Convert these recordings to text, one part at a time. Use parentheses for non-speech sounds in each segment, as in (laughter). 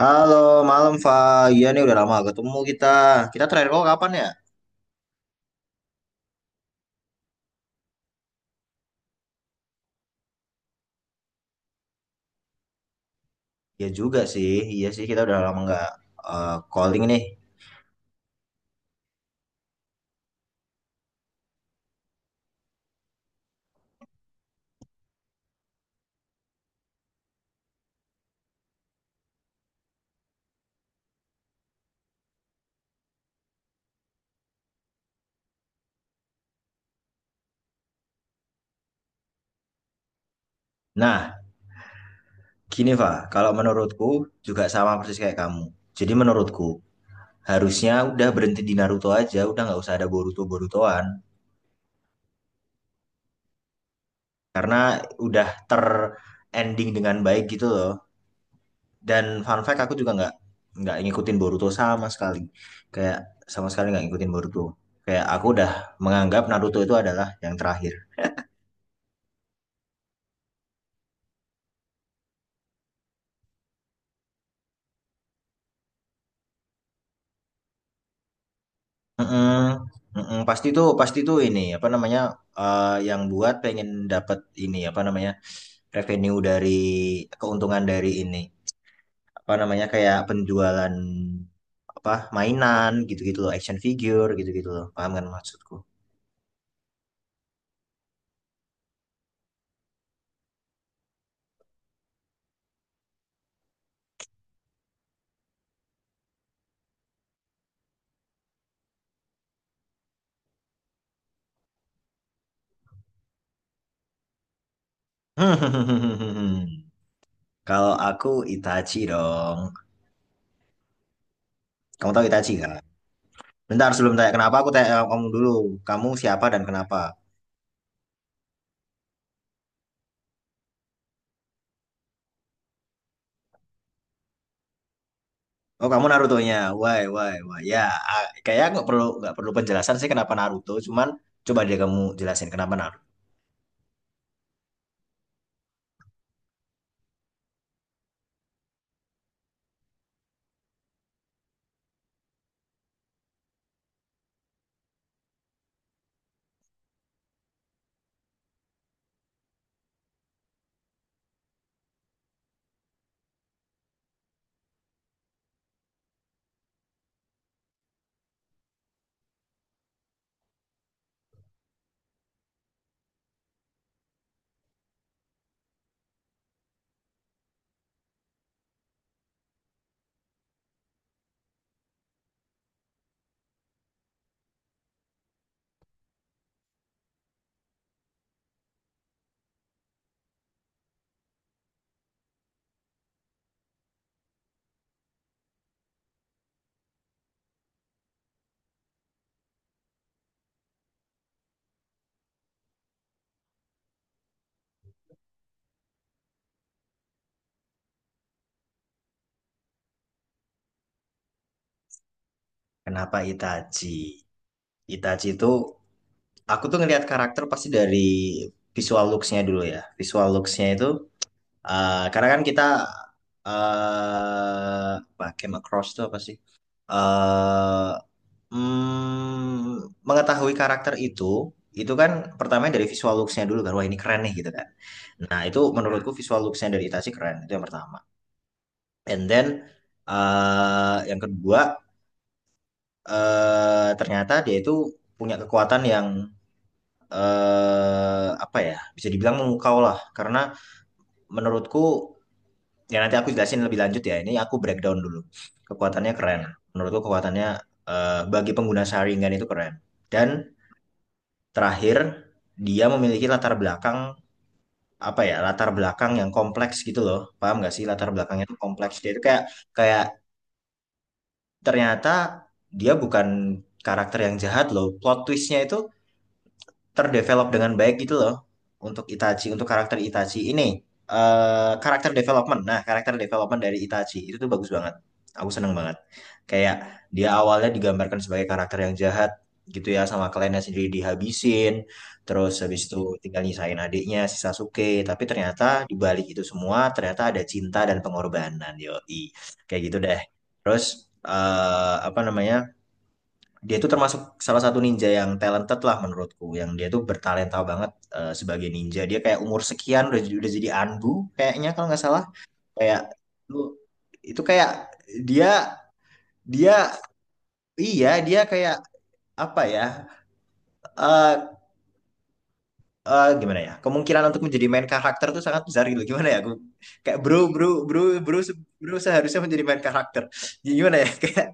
Halo, malam Fa. Iya nih udah lama gak ketemu kita. Kita terakhir call kapan ya? Iya juga sih. Iya sih kita udah lama nggak calling nih. Nah, gini Fa. Kalau menurutku juga sama persis kayak kamu. Jadi menurutku harusnya udah berhenti di Naruto aja. Udah nggak usah ada Boruto Borutoan. Karena udah terending dengan baik gitu loh. Dan fun fact aku juga nggak ngikutin Boruto sama sekali. Kayak sama sekali nggak ngikutin Boruto. Kayak aku udah menganggap Naruto itu adalah yang terakhir. Heeh, heeh, pasti tuh ini apa namanya, yang buat pengen dapat ini apa namanya revenue dari keuntungan dari ini apa namanya, kayak penjualan apa, mainan gitu-gitu loh, action figure gitu-gitu loh, paham kan maksudku? (laughs) Kalau aku Itachi dong. Kamu tahu Itachi kan? Bentar, sebelum tanya kenapa, aku tanya kamu dulu. Kamu siapa dan kenapa? Oh, kamu Naruto-nya, why why why ya, ah, kayak nggak perlu penjelasan sih kenapa Naruto, cuman coba deh kamu jelasin kenapa Naruto, kenapa Itachi. Itachi itu, aku tuh ngelihat karakter pasti dari visual looks-nya dulu ya, visual looks-nya itu, ah, karena kan kita eh pakai macross tuh apa sih? Eh mengetahui karakter itu kan pertamanya dari visual looks-nya dulu kan, wah ini keren nih gitu kan. Nah itu, menurutku visual looks-nya dari Itachi keren, itu yang pertama. And then yang kedua, ternyata dia itu punya kekuatan yang apa ya, bisa dibilang memukau lah. Karena menurutku, ya nanti aku jelasin lebih lanjut ya, ini aku breakdown dulu. Kekuatannya keren, menurutku kekuatannya bagi pengguna Sharingan itu keren. Dan terakhir, dia memiliki latar belakang apa ya? Latar belakang yang kompleks gitu loh. Paham nggak sih latar belakangnya itu kompleks. Dia itu kayak kayak ternyata dia bukan karakter yang jahat loh. Plot twistnya itu terdevelop dengan baik gitu loh untuk Itachi, untuk karakter Itachi ini. Karakter development. Nah, karakter development dari Itachi itu tuh bagus banget. Aku seneng banget. Kayak dia awalnya digambarkan sebagai karakter yang jahat gitu ya, sama kliennya sendiri dihabisin, terus habis itu tinggal nyisain adiknya si Sasuke, tapi ternyata di balik itu semua ternyata ada cinta dan pengorbanan, yoi. Kayak gitu deh. Terus apa namanya? Dia itu termasuk salah satu ninja yang talented lah, menurutku yang dia tuh bertalenta banget sebagai ninja. Dia kayak umur sekian udah jadi anbu, kayaknya kalau nggak salah. Kayak lu, itu kayak dia dia iya, dia kayak apa ya, eh gimana ya, kemungkinan untuk menjadi main karakter tuh sangat besar gitu. Gimana ya, aku kayak, bro bro bro bro se- bro seharusnya menjadi main karakter. Gimana ya? (laughs)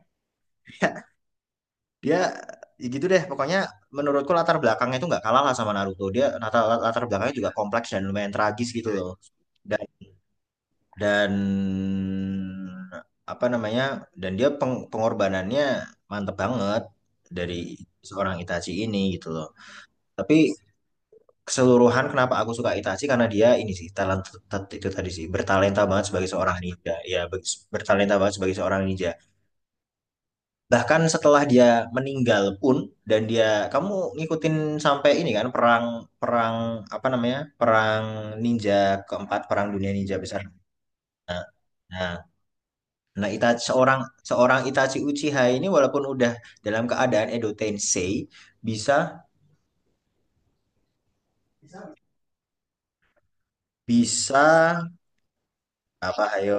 Dia, ya gitu deh, pokoknya menurutku latar belakangnya itu nggak kalah lah sama Naruto. Dia latar belakangnya juga kompleks dan lumayan tragis gitu loh. Dan dan apa namanya? Dan dia pengorbanannya mantep banget dari seorang Itachi ini gitu loh. Tapi keseluruhan kenapa aku suka Itachi karena dia ini sih talent, itu tadi sih, bertalenta banget sebagai seorang ninja. Ya, bertalenta banget sebagai seorang ninja. Bahkan setelah dia meninggal pun, dan dia, kamu ngikutin sampai ini kan, perang perang apa namanya? Perang ninja keempat, perang dunia ninja besar. Nah, nah, nah, seorang seorang Itachi Uchiha ini walaupun udah dalam keadaan Edo Tensei, bisa bisa apa ayo.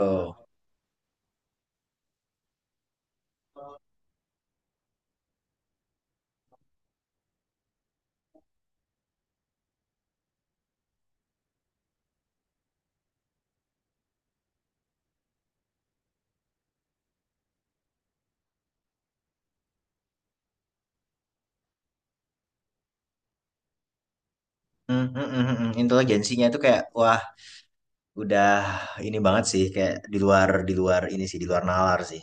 Hmm, hmm, hmm, hmm, hmm. Inteligensinya itu kayak wah, udah ini banget sih, kayak di luar ini sih, di luar nalar sih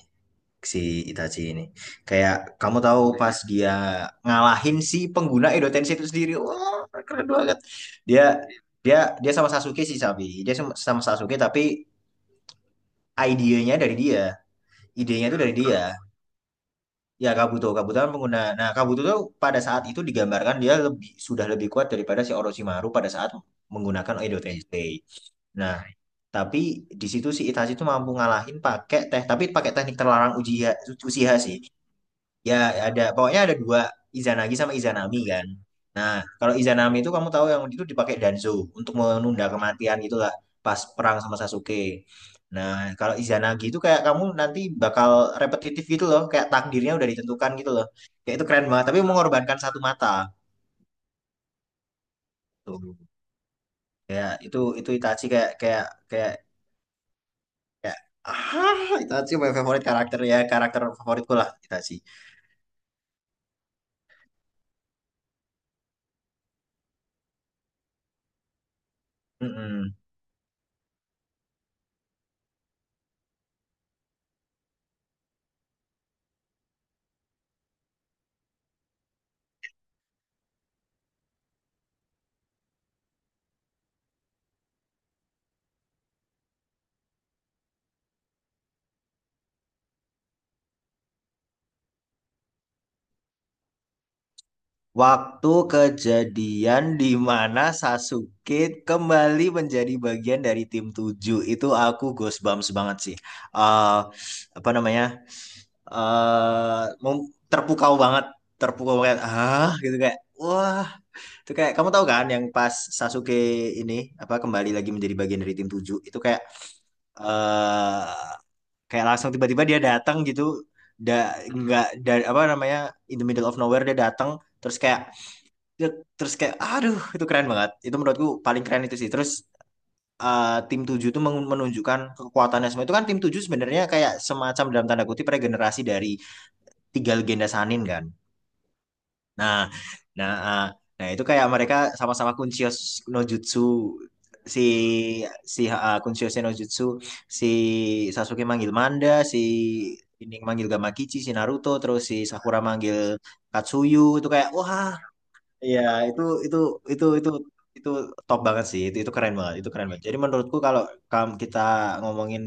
si Itachi ini. Kayak, kamu tahu pas dia ngalahin si pengguna Edo Tensei itu sendiri, wah, keren banget. Dia dia dia sama Sasuke sih, Sabi. Dia sama sama Sasuke, tapi idenya dari dia. Idenya itu dari dia. Ya Kabuto, kan pengguna. Nah, Kabuto tuh pada saat itu digambarkan dia lebih sudah lebih kuat daripada si Orochimaru pada saat menggunakan Edo Tensei. Nah, tapi di situ si Itachi itu mampu ngalahin pakai teh, tapi pakai teknik terlarang Uchiha, Uchiha sih. Ya, ada, pokoknya ada dua, Izanagi sama Izanami kan. Nah, kalau Izanami itu kamu tahu, yang itu dipakai Danzo untuk menunda kematian gitulah, pas perang sama Sasuke. Nah, kalau Izanagi itu kayak kamu nanti bakal repetitif gitu loh, kayak takdirnya udah ditentukan gitu loh. Kayak itu keren banget, tapi mengorbankan satu mata. Tuh. Ya, itu Itachi kayak kayak kayak kayak Itachi my favorite karakter, ya, karakter favoritku lah Itachi. Mm-mm. Waktu kejadian di mana Sasuke kembali menjadi bagian dari tim tujuh, itu aku goosebumps banget sih. Eh apa namanya? Eh mem- terpukau banget, terpukau banget. Ah, gitu kayak wah, itu kayak, kamu tahu kan yang pas Sasuke ini, apa, kembali lagi menjadi bagian dari tim tujuh, itu eh kayak langsung tiba-tiba dia datang gitu. Da, nggak, apa namanya, in the middle of nowhere dia datang, terus kayak, ya, terus kayak aduh, itu keren banget, itu menurutku paling keren itu sih. Terus tim 7 itu menunjukkan kekuatannya semua. Itu kan tim 7 sebenarnya kayak semacam, dalam tanda kutip, regenerasi dari tiga legenda Sanin kan. Nah nah eh, nah itu kayak mereka sama-sama Kunchio no Jutsu, si si eh, Kunchio no Jutsu si Sasuke manggil Manda, si ini manggil Gamakichi si Naruto, terus si Sakura manggil Katsuyu, itu kayak wah. Iya, itu itu itu itu itu top banget sih. Itu keren banget. Itu keren banget. Jadi menurutku kalau kalau kita ngomongin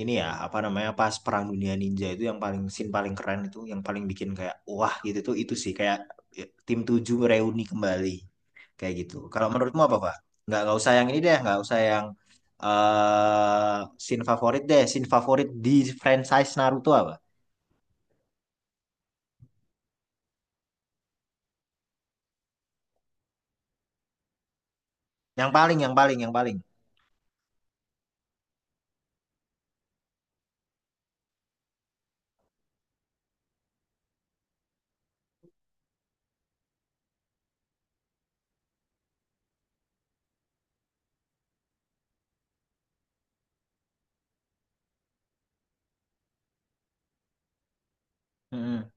ini ya, apa namanya, pas Perang Dunia Ninja itu, yang paling, scene paling keren itu, yang paling bikin kayak wah gitu tuh, itu sih kayak, ya, tim 7 reuni kembali, kayak gitu. Kalau menurutmu apa, Pak? Nggak usah yang ini deh, nggak usah yang, eh scene favorit deh. Scene favorit di franchise Naruto apa? Yang paling, yang paling, yang paling. Mm-mm.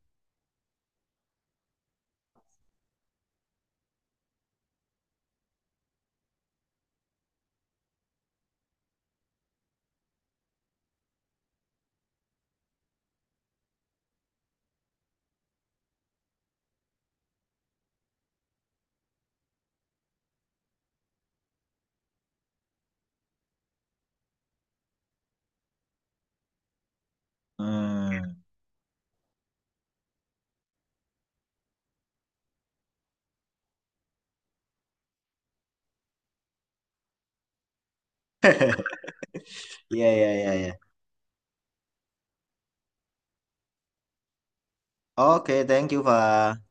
Hmm. Iya, iya, iya, iya. Oke, thank you, Fa.